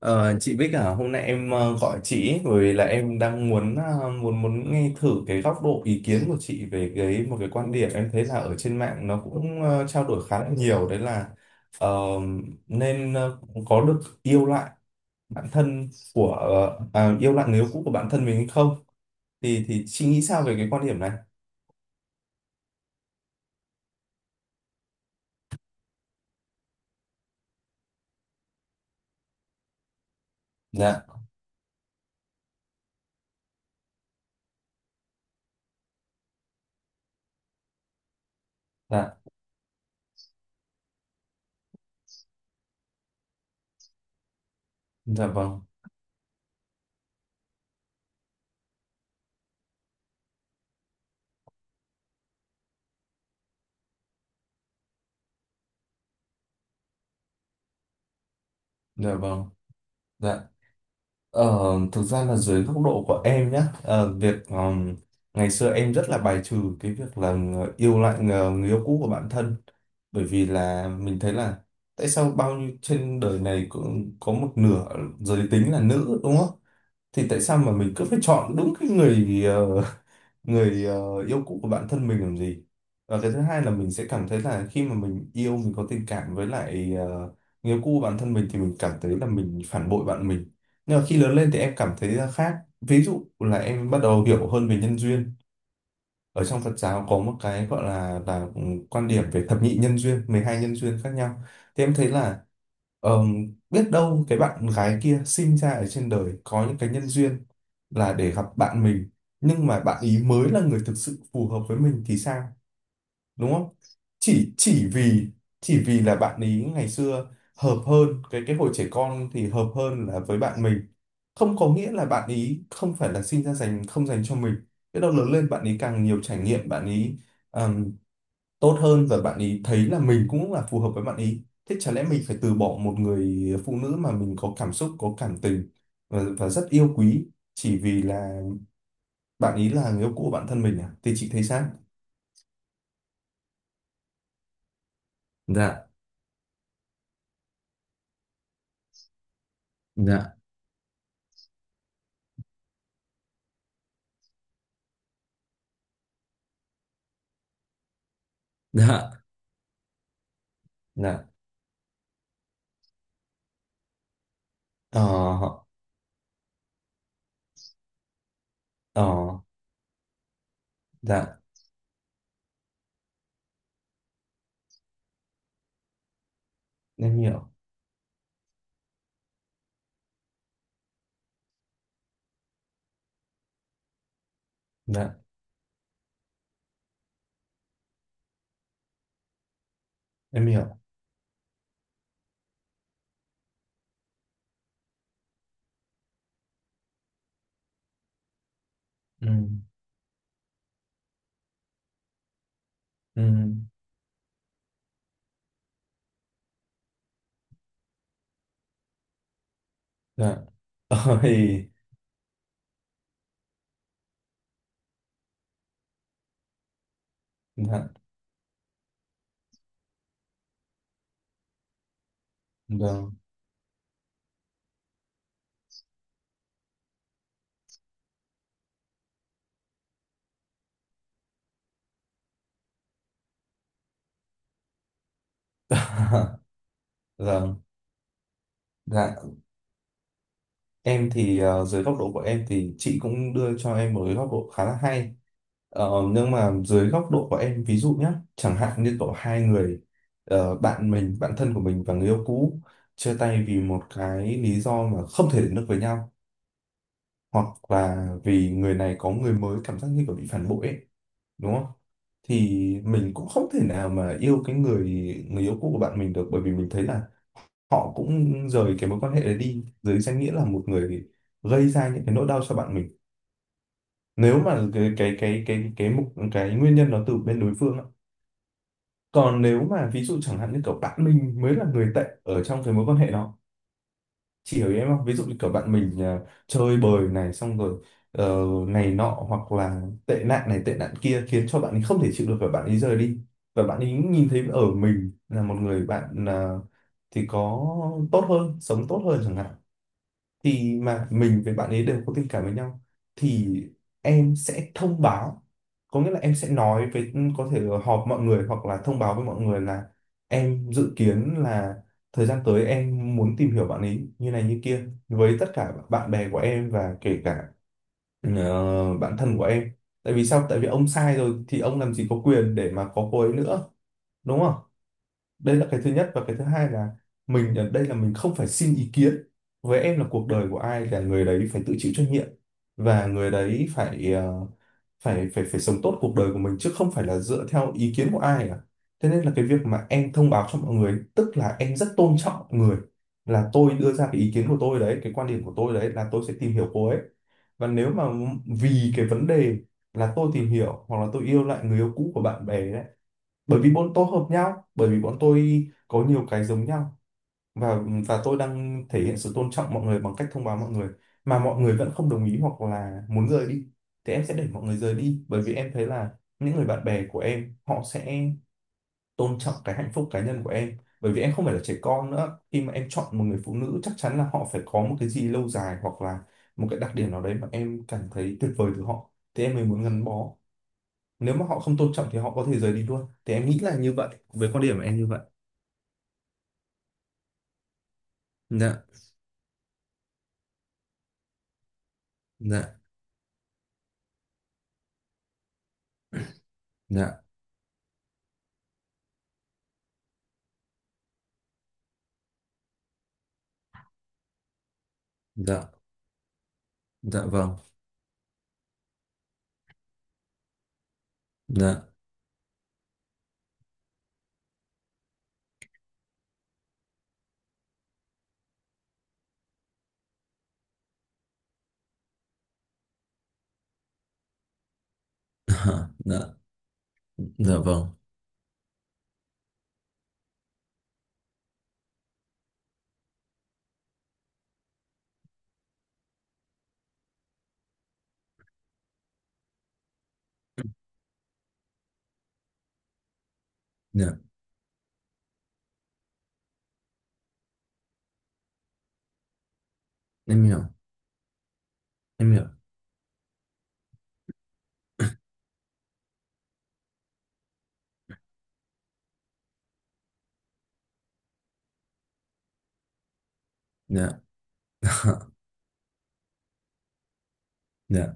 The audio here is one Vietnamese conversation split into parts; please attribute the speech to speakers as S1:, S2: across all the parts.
S1: Ờ, chị Bích à, hôm nay em gọi chị ấy, bởi vì là em đang muốn muốn muốn nghe thử cái góc độ ý kiến của chị về cái một cái quan điểm em thấy là ở trên mạng nó cũng trao đổi khá là nhiều đấy là ờ, nên có được yêu lại bản thân của yêu lại người yêu cũ của bản thân mình hay không thì chị nghĩ sao về cái quan điểm này? Dạ, dạ, dạ vâng, dạ vâng, dạ. Ờ, Thực ra là dưới góc độ của em nhé, việc ngày xưa em rất là bài trừ cái việc là yêu lại người yêu cũ của bản thân, bởi vì là mình thấy là tại sao bao nhiêu trên đời này cũng có một nửa giới tính là nữ, đúng không? Thì tại sao mà mình cứ phải chọn đúng cái người người yêu cũ của bản thân mình làm gì? Và cái thứ hai là mình sẽ cảm thấy là khi mà mình yêu, mình có tình cảm với lại người yêu cũ của bản thân mình thì mình cảm thấy là mình phản bội bạn mình. Nhưng mà khi lớn lên thì em cảm thấy là khác, ví dụ là em bắt đầu hiểu hơn về nhân duyên ở trong Phật giáo. Có một cái gọi là quan điểm về thập nhị nhân duyên, 12 nhân duyên khác nhau. Thì em thấy là biết đâu cái bạn gái kia sinh ra ở trên đời có những cái nhân duyên là để gặp bạn mình, nhưng mà bạn ý mới là người thực sự phù hợp với mình thì sao? Đúng không? Chỉ vì chỉ vì là bạn ý ngày xưa hợp hơn, cái hồi trẻ con thì hợp hơn là với bạn mình, không có nghĩa là bạn ý không phải là sinh ra dành, không dành cho mình. Biết đâu lớn lên bạn ý càng nhiều trải nghiệm, bạn ý ừm, tốt hơn và bạn ý thấy là mình cũng là phù hợp với bạn ý, thế chả lẽ mình phải từ bỏ một người phụ nữ mà mình có cảm xúc, có cảm tình và rất yêu quý chỉ vì là bạn ý là người yêu cũ của bản thân mình à? Thì chị thấy sao? Dạ, dạ, dạ. Dạ. Ờ. Ờ. Dạ, em hiểu. Dạ, em hiểu. Ừ, ừ. Dạ. Ôi. Dạ vâng. Vâng. Dạ, em thì dưới góc độ của em thì chị cũng đưa cho em một cái góc độ khá là hay. Ờ, nhưng mà dưới góc độ của em ví dụ nhé, chẳng hạn như có hai người bạn mình, bạn thân của mình và người yêu cũ chia tay vì một cái lý do mà không thể đến được với nhau, hoặc là vì người này có người mới, cảm giác như kiểu bị phản bội ấy, đúng không? Thì mình cũng không thể nào mà yêu cái người người yêu cũ của bạn mình được, bởi vì mình thấy là họ cũng rời cái mối quan hệ đấy đi dưới danh nghĩa là một người gây ra những cái nỗi đau cho bạn mình, nếu mà cái cái nguyên nhân nó từ bên đối phương á. Còn nếu mà ví dụ chẳng hạn như kiểu bạn mình mới là người tệ ở trong cái mối quan hệ đó, chị hiểu ý em không? Ví dụ như kiểu bạn mình chơi bời này xong rồi này nọ, hoặc là tệ nạn này tệ nạn kia khiến cho bạn ấy không thể chịu được và bạn ấy rời đi, và bạn ấy nhìn thấy ở mình là một người bạn thì có tốt hơn, sống tốt hơn chẳng hạn, thì mà mình với bạn ấy đều có tình cảm với nhau, thì em sẽ thông báo, có nghĩa là em sẽ nói với có thể là họp mọi người hoặc là thông báo với mọi người là em dự kiến là thời gian tới em muốn tìm hiểu bạn ấy như này như kia với tất cả bạn bè của em và kể cả bạn thân của em. Tại vì sao? Tại vì ông sai rồi thì ông làm gì có quyền để mà có cô ấy nữa, đúng không? Đây là cái thứ nhất, và cái thứ hai là mình ở đây là mình không phải xin ý kiến. Với em là cuộc đời của ai là người đấy phải tự chịu trách nhiệm, và người đấy phải phải sống tốt cuộc đời của mình chứ không phải là dựa theo ý kiến của ai cả. Thế nên là cái việc mà em thông báo cho mọi người tức là em rất tôn trọng mọi người, là tôi đưa ra cái ý kiến của tôi đấy, cái quan điểm của tôi đấy là tôi sẽ tìm hiểu cô ấy, và nếu mà vì cái vấn đề là tôi tìm hiểu, hoặc là tôi yêu lại người yêu cũ của bạn bè ấy, bởi vì bọn tôi hợp nhau, bởi vì bọn tôi có nhiều cái giống nhau, và và tôi đang thể hiện sự tôn trọng mọi người bằng cách thông báo mọi người, mà mọi người vẫn không đồng ý hoặc là muốn rời đi, thì em sẽ để mọi người rời đi, bởi vì em thấy là những người bạn bè của em họ sẽ tôn trọng cái hạnh phúc cá nhân của em, bởi vì em không phải là trẻ con nữa, khi mà em chọn một người phụ nữ chắc chắn là họ phải có một cái gì lâu dài, hoặc là một cái đặc điểm nào đấy mà em cảm thấy tuyệt vời từ họ thì em mới muốn gắn bó. Nếu mà họ không tôn trọng thì họ có thể rời đi luôn, thì em nghĩ là như vậy, với quan điểm của em như vậy. Dạ, dạ, dạ, dạ, dạ vâng, dạ. Dạ, dạ vâng, dạ, em hiểu, em hiểu. Dạ. Dạ,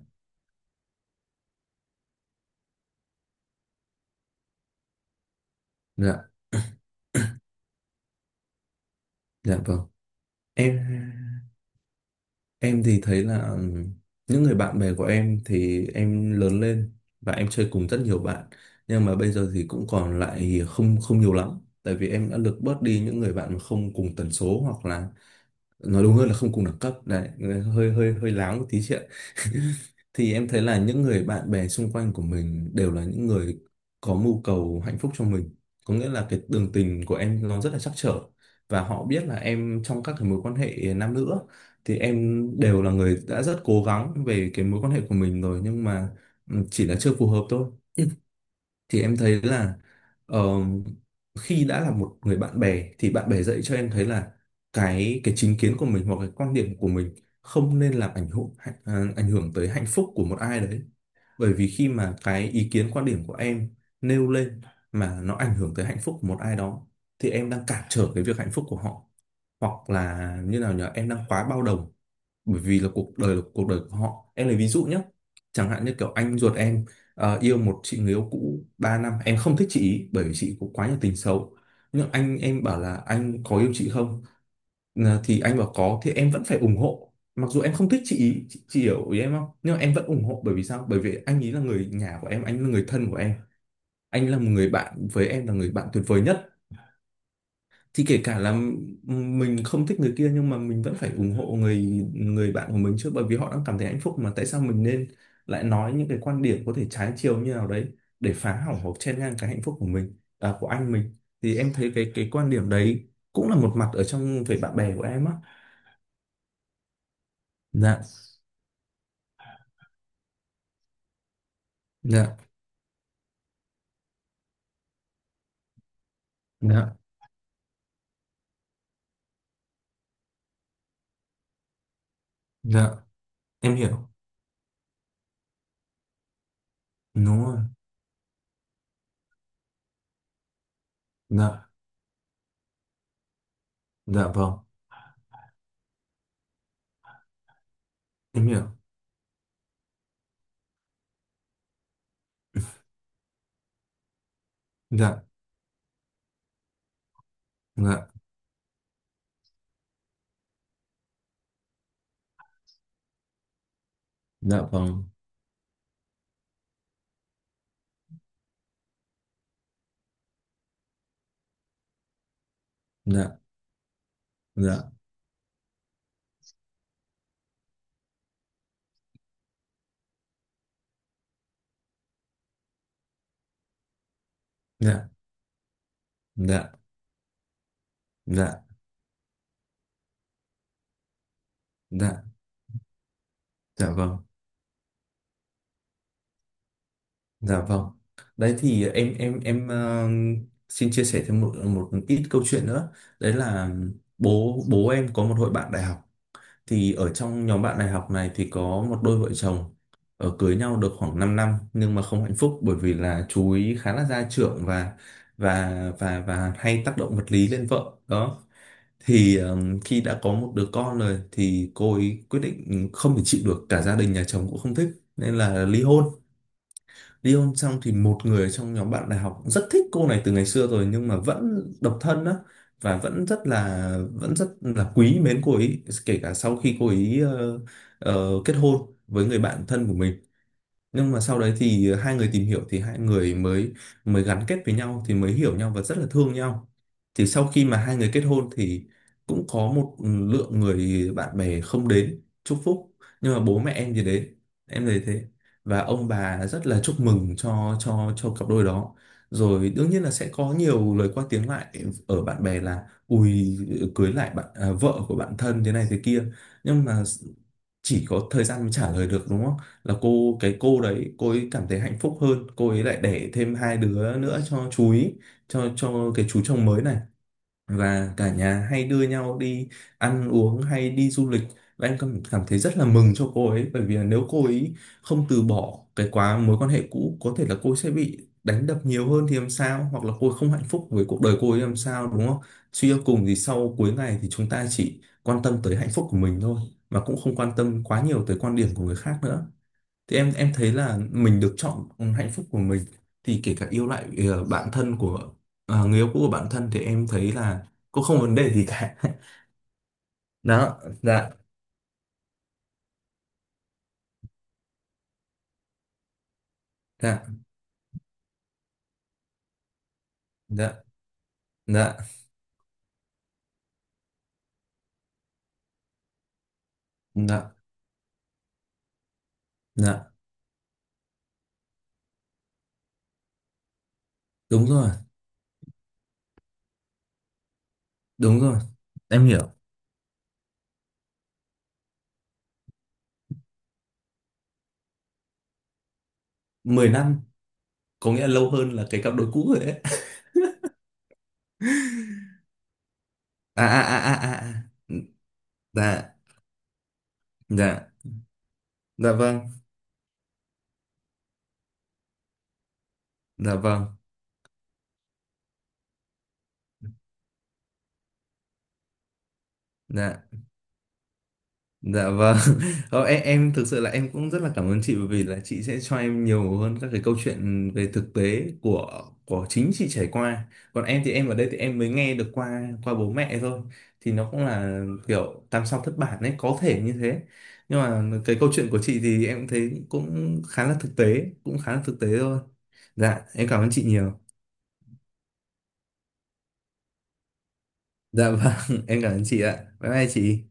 S1: dạ, dạ vâng. Em thì thấy là những người bạn bè của em thì em lớn lên và em chơi cùng rất nhiều bạn, nhưng mà bây giờ thì cũng còn lại không không nhiều lắm, tại vì em đã lược bớt đi những người bạn mà không cùng tần số, hoặc là nói đúng hơn là không cùng đẳng cấp đấy, hơi hơi hơi láo một tí chuyện. Thì em thấy là những người bạn bè xung quanh của mình đều là những người có mưu cầu hạnh phúc cho mình, có nghĩa là cái đường tình của em nó rất là trắc trở, và họ biết là em trong các cái mối quan hệ nam nữ á, thì em đều là người đã rất cố gắng về cái mối quan hệ của mình rồi, nhưng mà ừ, chỉ là chưa phù hợp thôi. Thì em thấy là ờ, khi đã là một người bạn bè thì bạn bè dạy cho em thấy là cái chính kiến của mình hoặc cái quan điểm của mình không nên làm ảnh hưởng, ảnh ảnh hưởng tới hạnh phúc của một ai đấy. Bởi vì khi mà cái ý kiến quan điểm của em nêu lên mà nó ảnh hưởng tới hạnh phúc của một ai đó, thì em đang cản trở cái việc hạnh phúc của họ, hoặc là như nào nhở, em đang quá bao đồng, bởi vì là cuộc đời của họ. Em lấy ví dụ nhé, chẳng hạn như kiểu anh ruột em yêu một chị người yêu cũ 3 năm, em không thích chị ý, bởi vì chị có quá nhiều tình xấu. Nhưng anh em bảo là anh có yêu chị không? Ờ, thì anh bảo có thì em vẫn phải ủng hộ, mặc dù em không thích chị ý, chị hiểu ý em không? Nhưng mà em vẫn ủng hộ, bởi vì sao? Bởi vì anh ý là người nhà của em, anh là người thân của em, anh là một người bạn với em, là người bạn tuyệt vời nhất. Thì kể cả là ừ, mình không thích người kia nhưng mà mình vẫn phải ủng hộ người người bạn của mình chứ, bởi vì họ đang cảm thấy hạnh phúc mà, tại sao mình nên lại nói những cái quan điểm có thể trái chiều như nào đấy để phá hỏng hoặc chen ngang cái hạnh phúc của mình, à, của anh mình. Thì em thấy cái quan điểm đấy cũng là một mặt ở trong về bạn bè của em á. Dạ, dạ, dạ, dạ, em hiểu, đúng rồi, dạ, dạ vâng, em hiểu, dạ, dạ, dạ vâng, dạ, dạ. Dạ, dạ, dạ, dạ, dạ vâng, dạ vâng. Đấy thì em xin chia sẻ thêm một một ít câu chuyện nữa. Đấy là bố bố em có một hội bạn đại học. Thì ở trong nhóm bạn đại học này thì có một đôi vợ chồng ở cưới nhau được khoảng 5 năm nhưng mà không hạnh phúc bởi vì là chú ý khá là gia trưởng và và hay tác động vật lý lên vợ. Đó. Thì khi đã có một đứa con rồi thì cô ấy quyết định không thể chịu được, cả gia đình nhà chồng cũng không thích nên là ly hôn. Ly hôn xong thì một người trong nhóm bạn đại học cũng rất thích cô này từ ngày xưa rồi nhưng mà vẫn độc thân á, và vẫn rất là quý mến cô ấy kể cả sau khi cô ấy kết hôn với người bạn thân của mình. Nhưng mà sau đấy thì hai người tìm hiểu, thì hai người mới mới gắn kết với nhau thì mới hiểu nhau và rất là thương nhau. Thì sau khi mà hai người kết hôn thì cũng có một lượng người bạn bè không đến chúc phúc, nhưng mà bố mẹ em thì đến, em thấy thế, và ông bà rất là chúc mừng cho cặp đôi đó. Rồi đương nhiên là sẽ có nhiều lời qua tiếng lại ở bạn bè là ui, cưới lại bạn à, vợ của bạn thân thế này thế kia. Nhưng mà chỉ có thời gian mới trả lời được, đúng không? Là cô cái cô đấy cô ấy cảm thấy hạnh phúc hơn, cô ấy lại đẻ thêm 2 đứa nữa cho chú ý, cho cái chú chồng mới này, và cả nhà hay đưa nhau đi ăn uống hay đi du lịch. Và em cảm cảm thấy rất là mừng cho cô ấy, bởi vì là nếu cô ấy không từ bỏ cái mối quan hệ cũ có thể là cô ấy sẽ bị đánh đập nhiều hơn thì làm sao, hoặc là cô ấy không hạnh phúc với cuộc đời cô ấy làm sao, đúng không? Suy cho cùng thì sau cuối ngày thì chúng ta chỉ quan tâm tới hạnh phúc của mình thôi, mà cũng không quan tâm quá nhiều tới quan điểm của người khác nữa. Thì em thấy là mình được chọn hạnh phúc của mình, thì kể cả yêu lại bạn thân của, à, người yêu cũ của bạn thân, thì em thấy là cũng không vấn đề gì cả. Đó, dạ, dạ, dạ, dạ, dạ, dạ, đúng rồi, đúng rồi, em hiểu. 10 năm, có nghĩa là lâu hơn là cái cặp đôi cũ rồi đấy. À à à à à à. Dạ, dạ, dạ vâng, dạ vâng, dạ, dạ vâng. Em, em thực sự là em cũng rất là cảm ơn chị, bởi vì là chị sẽ cho em nhiều hơn các cái câu chuyện về thực tế của chính chị trải qua. Còn em thì em ở đây thì em mới nghe được qua qua bố mẹ thôi. Thì nó cũng là kiểu tam sao thất bản ấy, có thể như thế. Nhưng mà cái câu chuyện của chị thì em thấy cũng khá là thực tế, cũng khá là thực tế thôi. Dạ, em cảm ơn chị nhiều. Dạ vâng, em cảm ơn chị ạ. Bye bye chị.